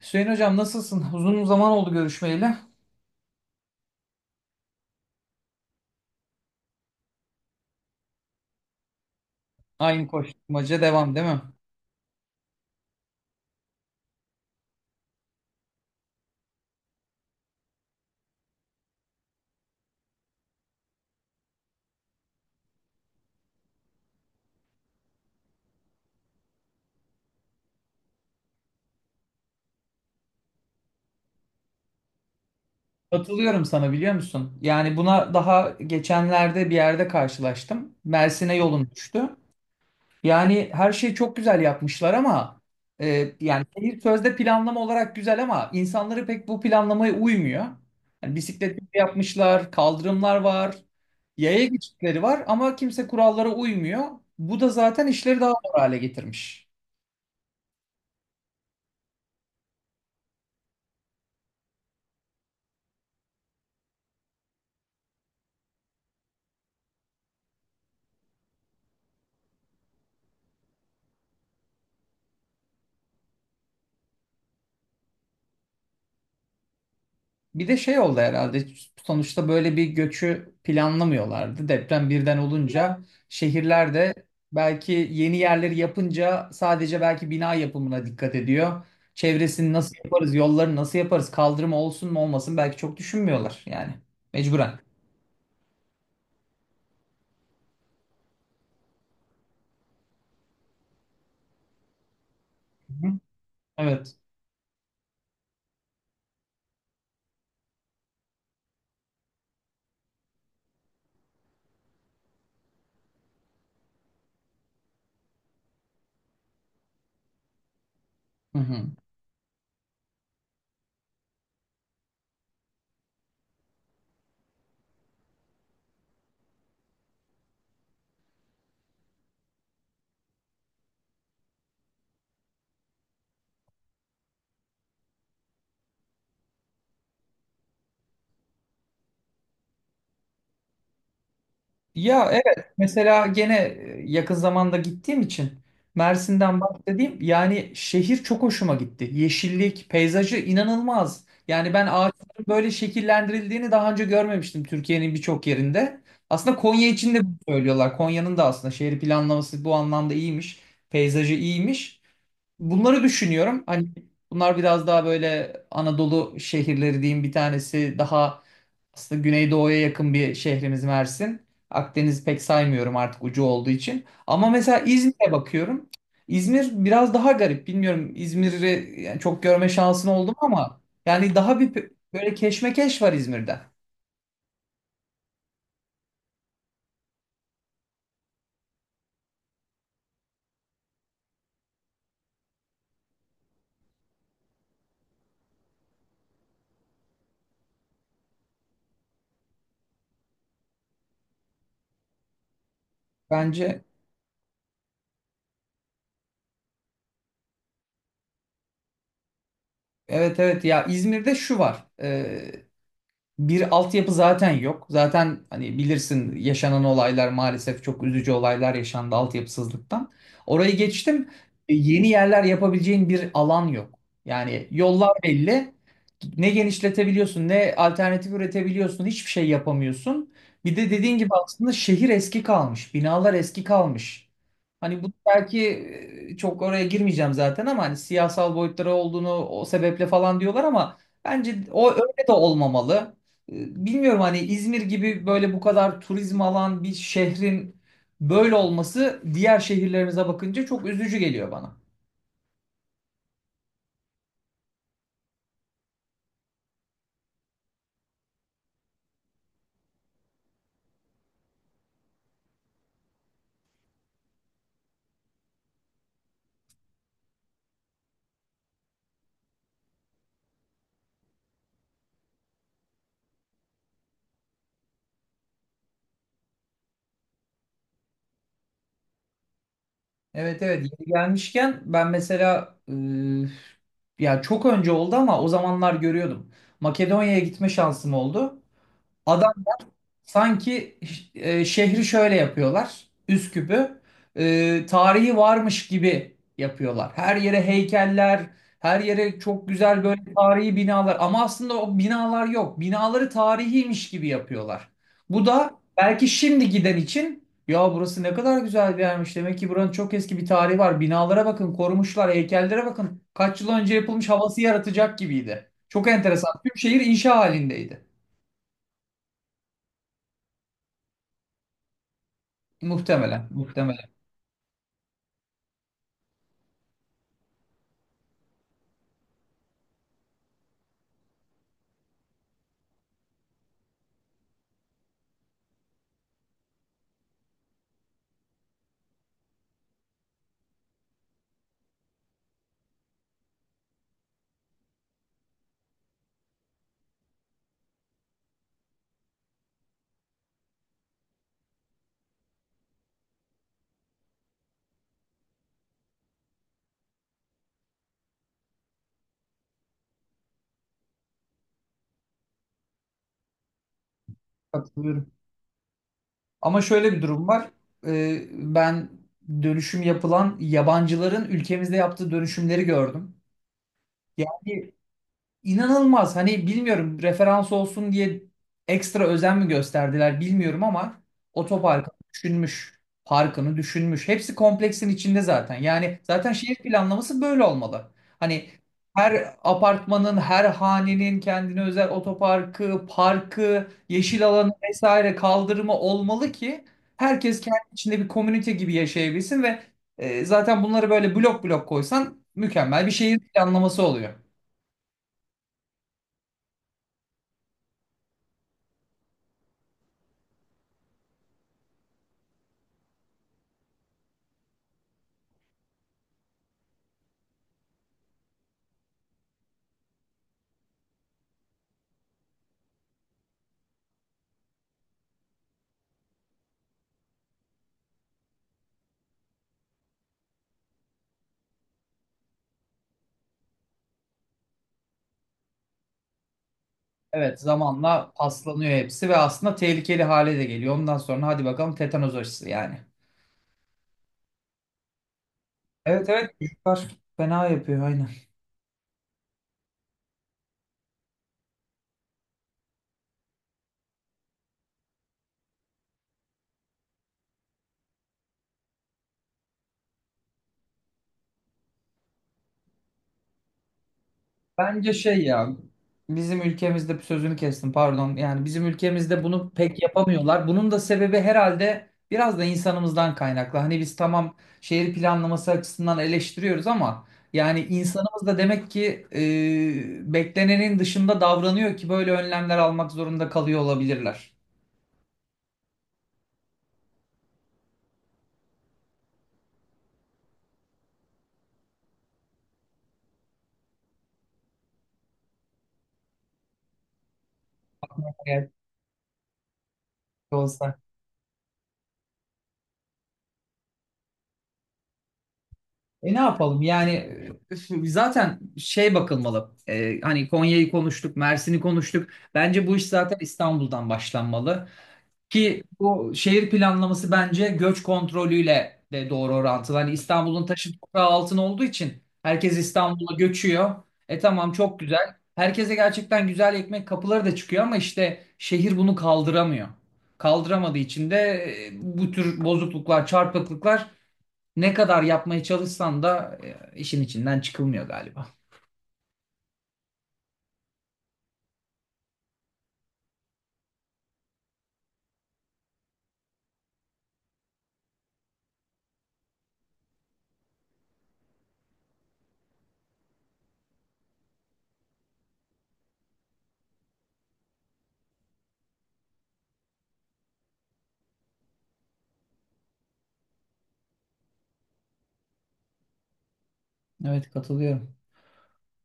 Hüseyin hocam nasılsın? Uzun zaman oldu görüşmeyeli. Aynı koşturmaca devam değil mi? Katılıyorum sana, biliyor musun? Yani buna daha geçenlerde bir yerde karşılaştım. Mersin'e yolum düştü. Yani her şeyi çok güzel yapmışlar ama yani şehir sözde planlama olarak güzel ama insanları pek bu planlamaya uymuyor. Yani bisiklet yolu yapmışlar, kaldırımlar var, yaya geçitleri var ama kimse kurallara uymuyor. Bu da zaten işleri daha zor hale getirmiş. Bir de şey oldu herhalde, sonuçta böyle bir göçü planlamıyorlardı. Deprem birden olunca şehirler de belki yeni yerleri yapınca sadece belki bina yapımına dikkat ediyor. Çevresini nasıl yaparız, yolları nasıl yaparız, kaldırım olsun mu olmasın belki çok düşünmüyorlar yani mecburen. Hı hı. Evet. Hı hı. Ya evet, mesela gene yakın zamanda gittiğim için Mersin'den bahsedeyim. Yani şehir çok hoşuma gitti. Yeşillik, peyzajı inanılmaz. Yani ben ağaçların böyle şekillendirildiğini daha önce görmemiştim Türkiye'nin birçok yerinde. Aslında Konya için de bunu söylüyorlar. Konya'nın da aslında şehir planlaması bu anlamda iyiymiş. Peyzajı iyiymiş. Bunları düşünüyorum. Hani bunlar biraz daha böyle Anadolu şehirleri diyeyim, bir tanesi daha aslında Güneydoğu'ya yakın bir şehrimiz Mersin. Akdeniz'i pek saymıyorum artık ucu olduğu için. Ama mesela İzmir'e bakıyorum. İzmir biraz daha garip. Bilmiyorum, İzmir'i yani çok görme şansın oldu mu ama yani daha bir böyle keşmekeş var İzmir'de. Bence evet, evet, ya İzmir'de şu var. Bir altyapı zaten yok. Zaten hani bilirsin, yaşanan olaylar, maalesef çok üzücü olaylar yaşandı altyapısızlıktan. Orayı geçtim. E, Yeni yerler yapabileceğin bir alan yok. Yani yollar belli. Ne genişletebiliyorsun, ne alternatif üretebiliyorsun, hiçbir şey yapamıyorsun. Bir de dediğin gibi aslında şehir eski kalmış, binalar eski kalmış. Hani bu belki çok oraya girmeyeceğim zaten ama hani siyasal boyutları olduğunu, o sebeple falan diyorlar ama bence o öyle de olmamalı. Bilmiyorum, hani İzmir gibi böyle bu kadar turizm alan bir şehrin böyle olması, diğer şehirlerimize bakınca çok üzücü geliyor bana. Evet, evet, yeni gelmişken ben mesela ya çok önce oldu ama o zamanlar görüyordum. Makedonya'ya gitme şansım oldu. Adam sanki şehri şöyle yapıyorlar. Üsküp'ü tarihi varmış gibi yapıyorlar. Her yere heykeller, her yere çok güzel böyle tarihi binalar. Ama aslında o binalar yok. Binaları tarihiymiş gibi yapıyorlar. Bu da belki şimdi giden için, ya burası ne kadar güzel bir yermiş. Demek ki buranın çok eski bir tarihi var. Binalara bakın, korumuşlar, heykellere bakın. Kaç yıl önce yapılmış havası yaratacak gibiydi. Çok enteresan. Tüm şehir inşa halindeydi. Muhtemelen, muhtemelen. Katılıyorum. Ama şöyle bir durum var. Ben dönüşüm yapılan yabancıların ülkemizde yaptığı dönüşümleri gördüm. Yani İnanılmaz. Hani bilmiyorum, referans olsun diye ekstra özen mi gösterdiler bilmiyorum ama otoparkını düşünmüş, parkını düşünmüş. Hepsi kompleksin içinde zaten. Yani zaten şehir planlaması böyle olmalı. Hani her apartmanın, her hanenin kendine özel otoparkı, parkı, yeşil alanı vesaire kaldırımı olmalı ki herkes kendi içinde bir komünite gibi yaşayabilsin ve zaten bunları böyle blok blok koysan mükemmel bir şehir planlaması oluyor. Evet, zamanla paslanıyor hepsi ve aslında tehlikeli hale de geliyor. Ondan sonra hadi bakalım tetanoz aşısı yani. Evet, evet, çocuklar fena yapıyor, aynen. Bence şey ya, bizim ülkemizde sözünü kestim, pardon. Yani bizim ülkemizde bunu pek yapamıyorlar. Bunun da sebebi herhalde biraz da insanımızdan kaynaklı. Hani biz tamam şehir planlaması açısından eleştiriyoruz ama yani insanımız da demek ki beklenenin dışında davranıyor ki böyle önlemler almak zorunda kalıyor olabilirler. Evet, olsa. E ne yapalım yani, zaten şey bakılmalı. Hani Konya'yı konuştuk, Mersin'i konuştuk, bence bu iş zaten İstanbul'dan başlanmalı. Ki bu şehir planlaması bence göç kontrolüyle de doğru orantılı. Hani İstanbul'un taşı toprağı altın olduğu için herkes İstanbul'a göçüyor. E tamam, çok güzel. Herkese gerçekten güzel ekmek kapıları da çıkıyor ama işte şehir bunu kaldıramıyor. Kaldıramadığı için de bu tür bozukluklar, çarpıklıklar ne kadar yapmaya çalışsan da işin içinden çıkılmıyor galiba. Evet, katılıyorum.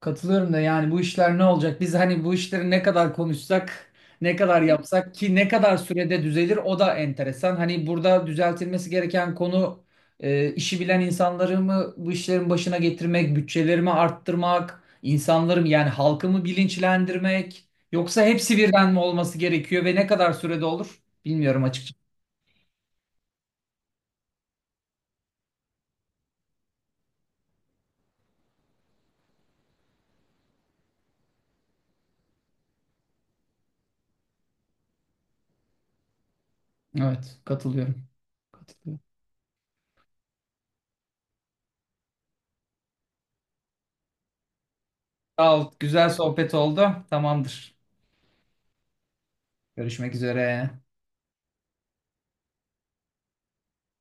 Katılıyorum da yani bu işler ne olacak? Biz hani bu işleri ne kadar konuşsak, ne kadar yapsak ki ne kadar sürede düzelir, o da enteresan. Hani burada düzeltilmesi gereken konu işi bilen insanları mı bu işlerin başına getirmek, bütçelerimi arttırmak, insanları mı yani halkımı bilinçlendirmek yoksa hepsi birden mi olması gerekiyor ve ne kadar sürede olur bilmiyorum açıkçası. Evet, katılıyorum. Katılıyorum. Sağ ol. Güzel sohbet oldu. Tamamdır. Görüşmek üzere.